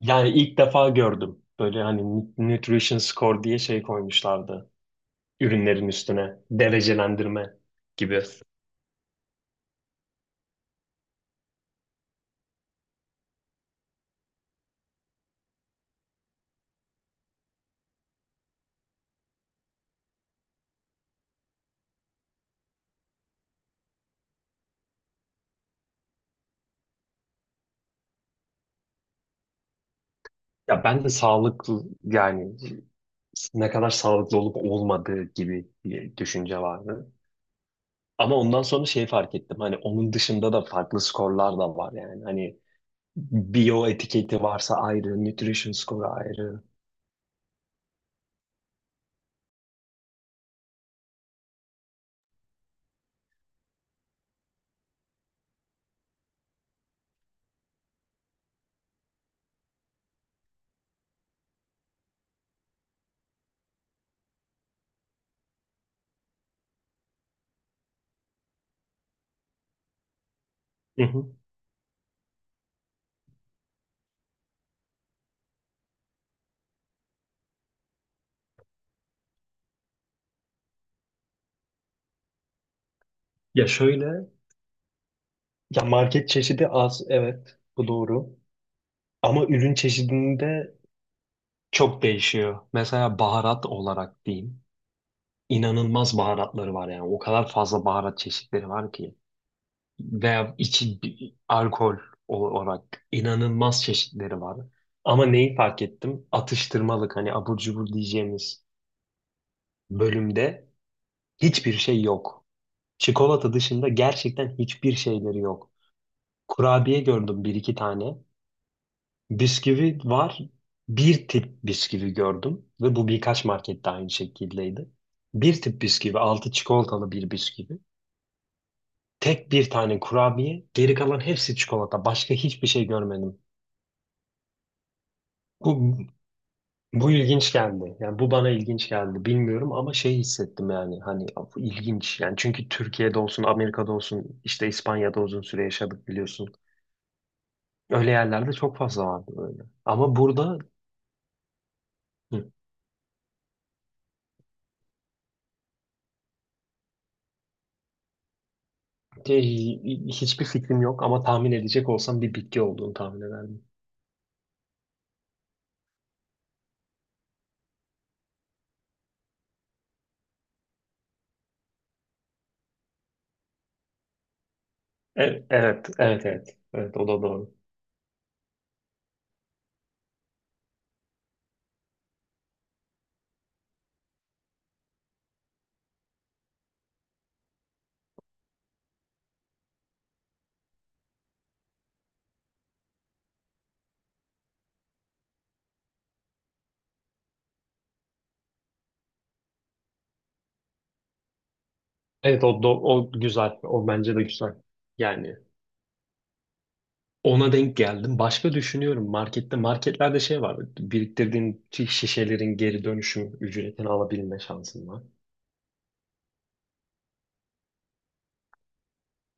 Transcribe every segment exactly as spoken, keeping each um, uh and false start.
Yani ilk defa gördüm. Böyle hani nutrition score diye şey koymuşlardı. Ürünlerin üstüne. Derecelendirme gibi. Ya ben de sağlıklı yani ne kadar sağlıklı olup olmadığı gibi bir düşünce vardı. Ama ondan sonra şey fark ettim. Hani onun dışında da farklı skorlar da var yani. Hani bio etiketi varsa ayrı, nutrition score ayrı. Hı hı. Ya şöyle, ya market çeşidi az, evet bu doğru. Ama ürün çeşidinde çok değişiyor. Mesela baharat olarak diyeyim. İnanılmaz baharatları var yani. O kadar fazla baharat çeşitleri var ki. Veya içi bi- alkol olarak inanılmaz çeşitleri var. Ama neyi fark ettim? Atıştırmalık hani abur cubur diyeceğimiz bölümde hiçbir şey yok. Çikolata dışında gerçekten hiçbir şeyleri yok. Kurabiye gördüm bir iki tane. Bisküvi var. Bir tip bisküvi gördüm ve bu birkaç markette aynı şekildeydi. Bir tip bisküvi, altı çikolatalı bir bisküvi. Tek bir tane kurabiye, geri kalan hepsi çikolata. Başka hiçbir şey görmedim. Bu bu ilginç geldi. Yani bu bana ilginç geldi. Bilmiyorum ama şey hissettim yani hani bu ilginç. Yani çünkü Türkiye'de olsun, Amerika'da olsun, işte İspanya'da uzun süre yaşadık biliyorsun. Öyle yerlerde çok fazla vardı böyle. Ama burada Hı. Te- Hiçbir fikrim yok ama tahmin edecek olsam bir bitki olduğunu tahmin ederdim. E- Evet, evet, evet. Evet, o da doğru. Evet, o, do- o güzel. O bence de güzel. Yani ona denk geldim. Başka düşünüyorum. Markette, marketlerde şey var. Biriktirdiğin şişelerin geri dönüşüm ücretini alabilme şansın var.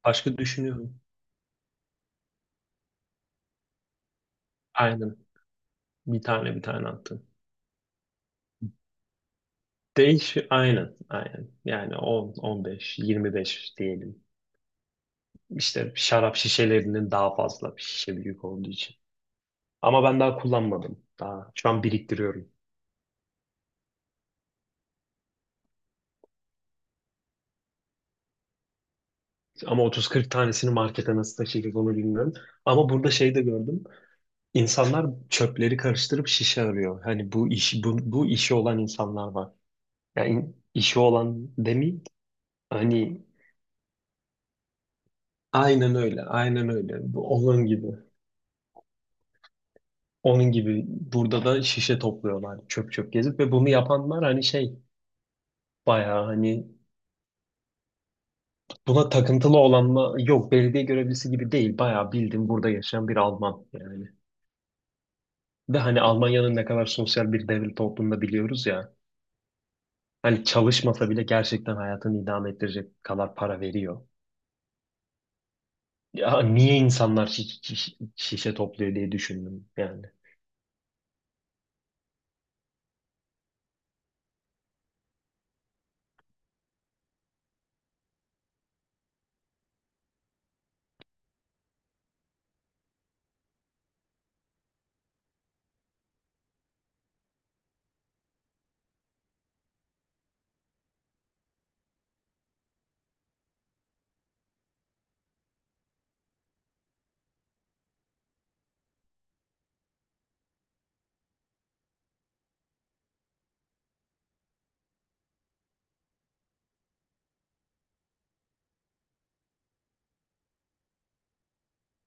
Başka düşünüyorum. Aynen. Bir tane bir tane attım. Değiş, aynen, aynen. Yani on, on beş, yirmi beş diyelim. İşte şarap şişelerinin daha fazla bir şişe büyük olduğu için. Ama ben daha kullanmadım. Daha şu an biriktiriyorum. Ama otuz kırk tanesini markete nasıl taşıyacağız onu bilmiyorum. Ama burada şey de gördüm. İnsanlar çöpleri karıştırıp şişe arıyor. Hani bu iş bu, bu işi olan insanlar var. Yani işi olan demeyeyim. Hani aynen öyle. Aynen öyle. Bu onun gibi. Onun gibi burada da şişe topluyorlar çöp çöp gezip ve bunu yapanlar hani şey bayağı hani. Buna takıntılı olanla yok belediye görevlisi gibi değil. Bayağı bildim burada yaşayan bir Alman yani. Ve hani Almanya'nın ne kadar sosyal bir devlet olduğunu da biliyoruz ya. Hani çalışmasa bile gerçekten hayatını idame ettirecek kadar para veriyor. Ya niye insanlar şi- şi- şişe topluyor diye düşündüm yani.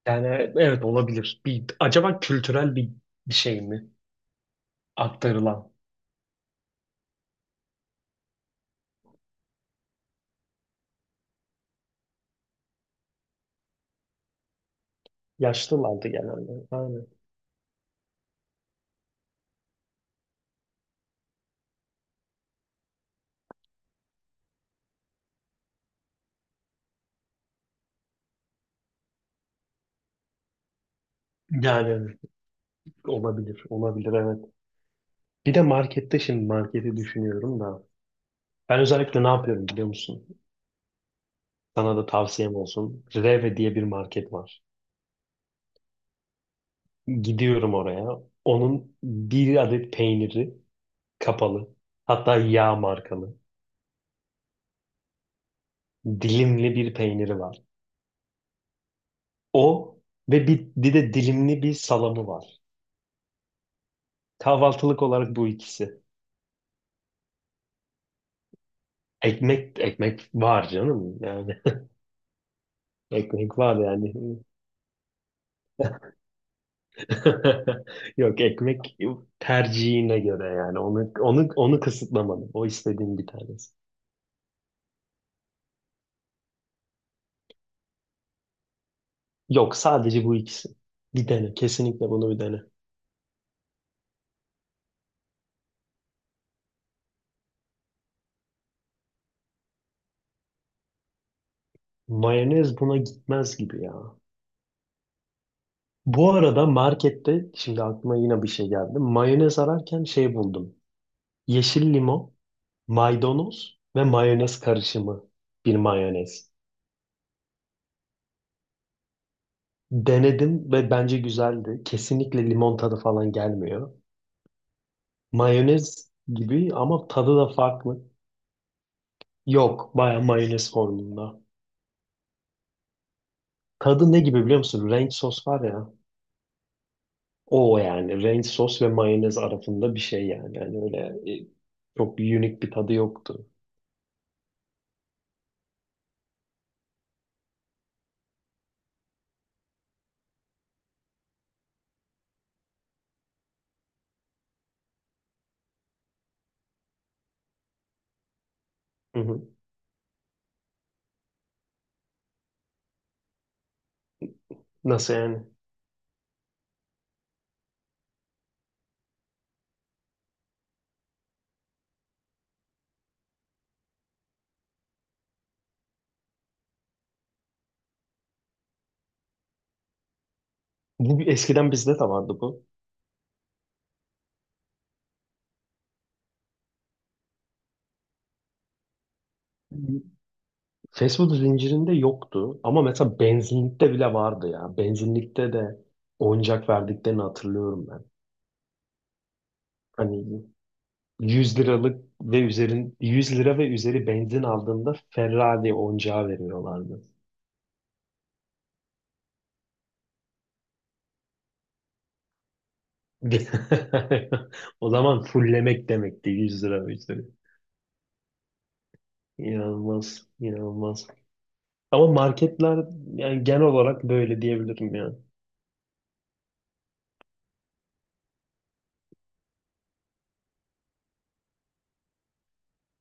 Yani evet olabilir. Bir, acaba kültürel bir, bir şey mi aktarılan? Yaşlılardı genelde. Aynen. Yani olabilir, olabilir evet. Bir de markette şimdi marketi düşünüyorum da. Ben özellikle ne yapıyorum biliyor musun? Sana da tavsiyem olsun. Reve diye bir market var. Gidiyorum oraya. Onun bir adet peyniri kapalı. Hatta yağ markalı. Dilimli bir peyniri var. O ve bir, bir de dilimli bir salamı var. Kahvaltılık olarak bu ikisi. Ekmek ekmek var canım yani. Ekmek var yani. Yok ekmek tercihine göre yani. Onu onu onu kısıtlamadım. O istediğin bir tanesi. Yok sadece bu ikisi. Bir dene. Kesinlikle bunu bir dene. Mayonez buna gitmez gibi ya. Bu arada markette şimdi aklıma yine bir şey geldi. Mayonez ararken şey buldum. Yeşil limon, maydanoz ve mayonez karışımı bir mayonez. Denedim ve bence güzeldi. Kesinlikle limon tadı falan gelmiyor. Mayonez gibi ama tadı da farklı. Yok, baya mayonez formunda. Tadı ne gibi biliyor musun? Ranch sos var ya. O yani ranch sos ve mayonez arasında bir şey yani. Yani öyle e, çok unique bir tadı yoktu. Hı hı. Nasıl yani? Bu bir- eskiden bizde de vardı bu. Fast food zincirinde yoktu ama mesela benzinlikte bile vardı ya. Benzinlikte de oyuncak verdiklerini hatırlıyorum ben. Hani yüz liralık ve üzerin yüz lira ve üzeri benzin aldığında Ferrari oyuncağı veriyorlardı. O zaman fullemek demekti yüz lira ve üzeri. İnanılmaz, inanılmaz. Ama marketler yani genel olarak böyle diyebilirim yani.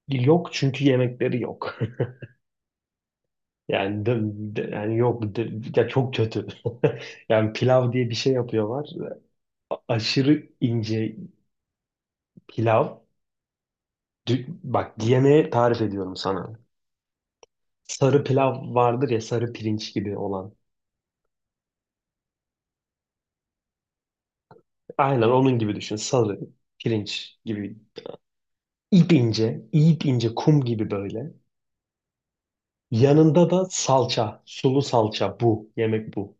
Yok çünkü yemekleri yok. Yani de, de- yani yok de- ya çok kötü. Yani pilav diye bir şey yapıyorlar. Aşırı ince pilav. Dü- Bak yemeği tarif ediyorum sana. Sarı pilav vardır ya sarı pirinç gibi olan. Aynen onun gibi düşün. Sarı pirinç gibi. İp ince, ip ince kum gibi böyle. Yanında da salça, sulu salça bu. Yemek bu.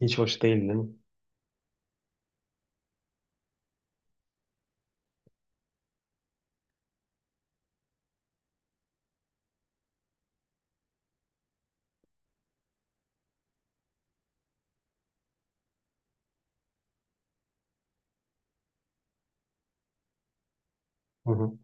Hiç hoş değil değil mi? Hı hı.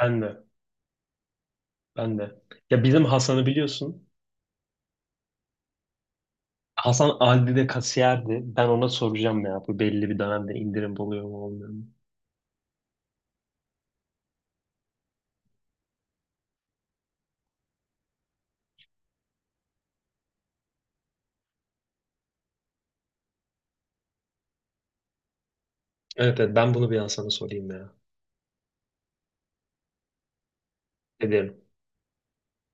Ben de, ben de. Ya bizim Hasan'ı biliyorsun. Hasan Aldi'de kasiyerdi. Ben ona soracağım ya. Bu belli bir dönemde indirim oluyor mu olmuyor mu? Evet evet ben bunu bir Hasan'a sorayım ya. Ederim.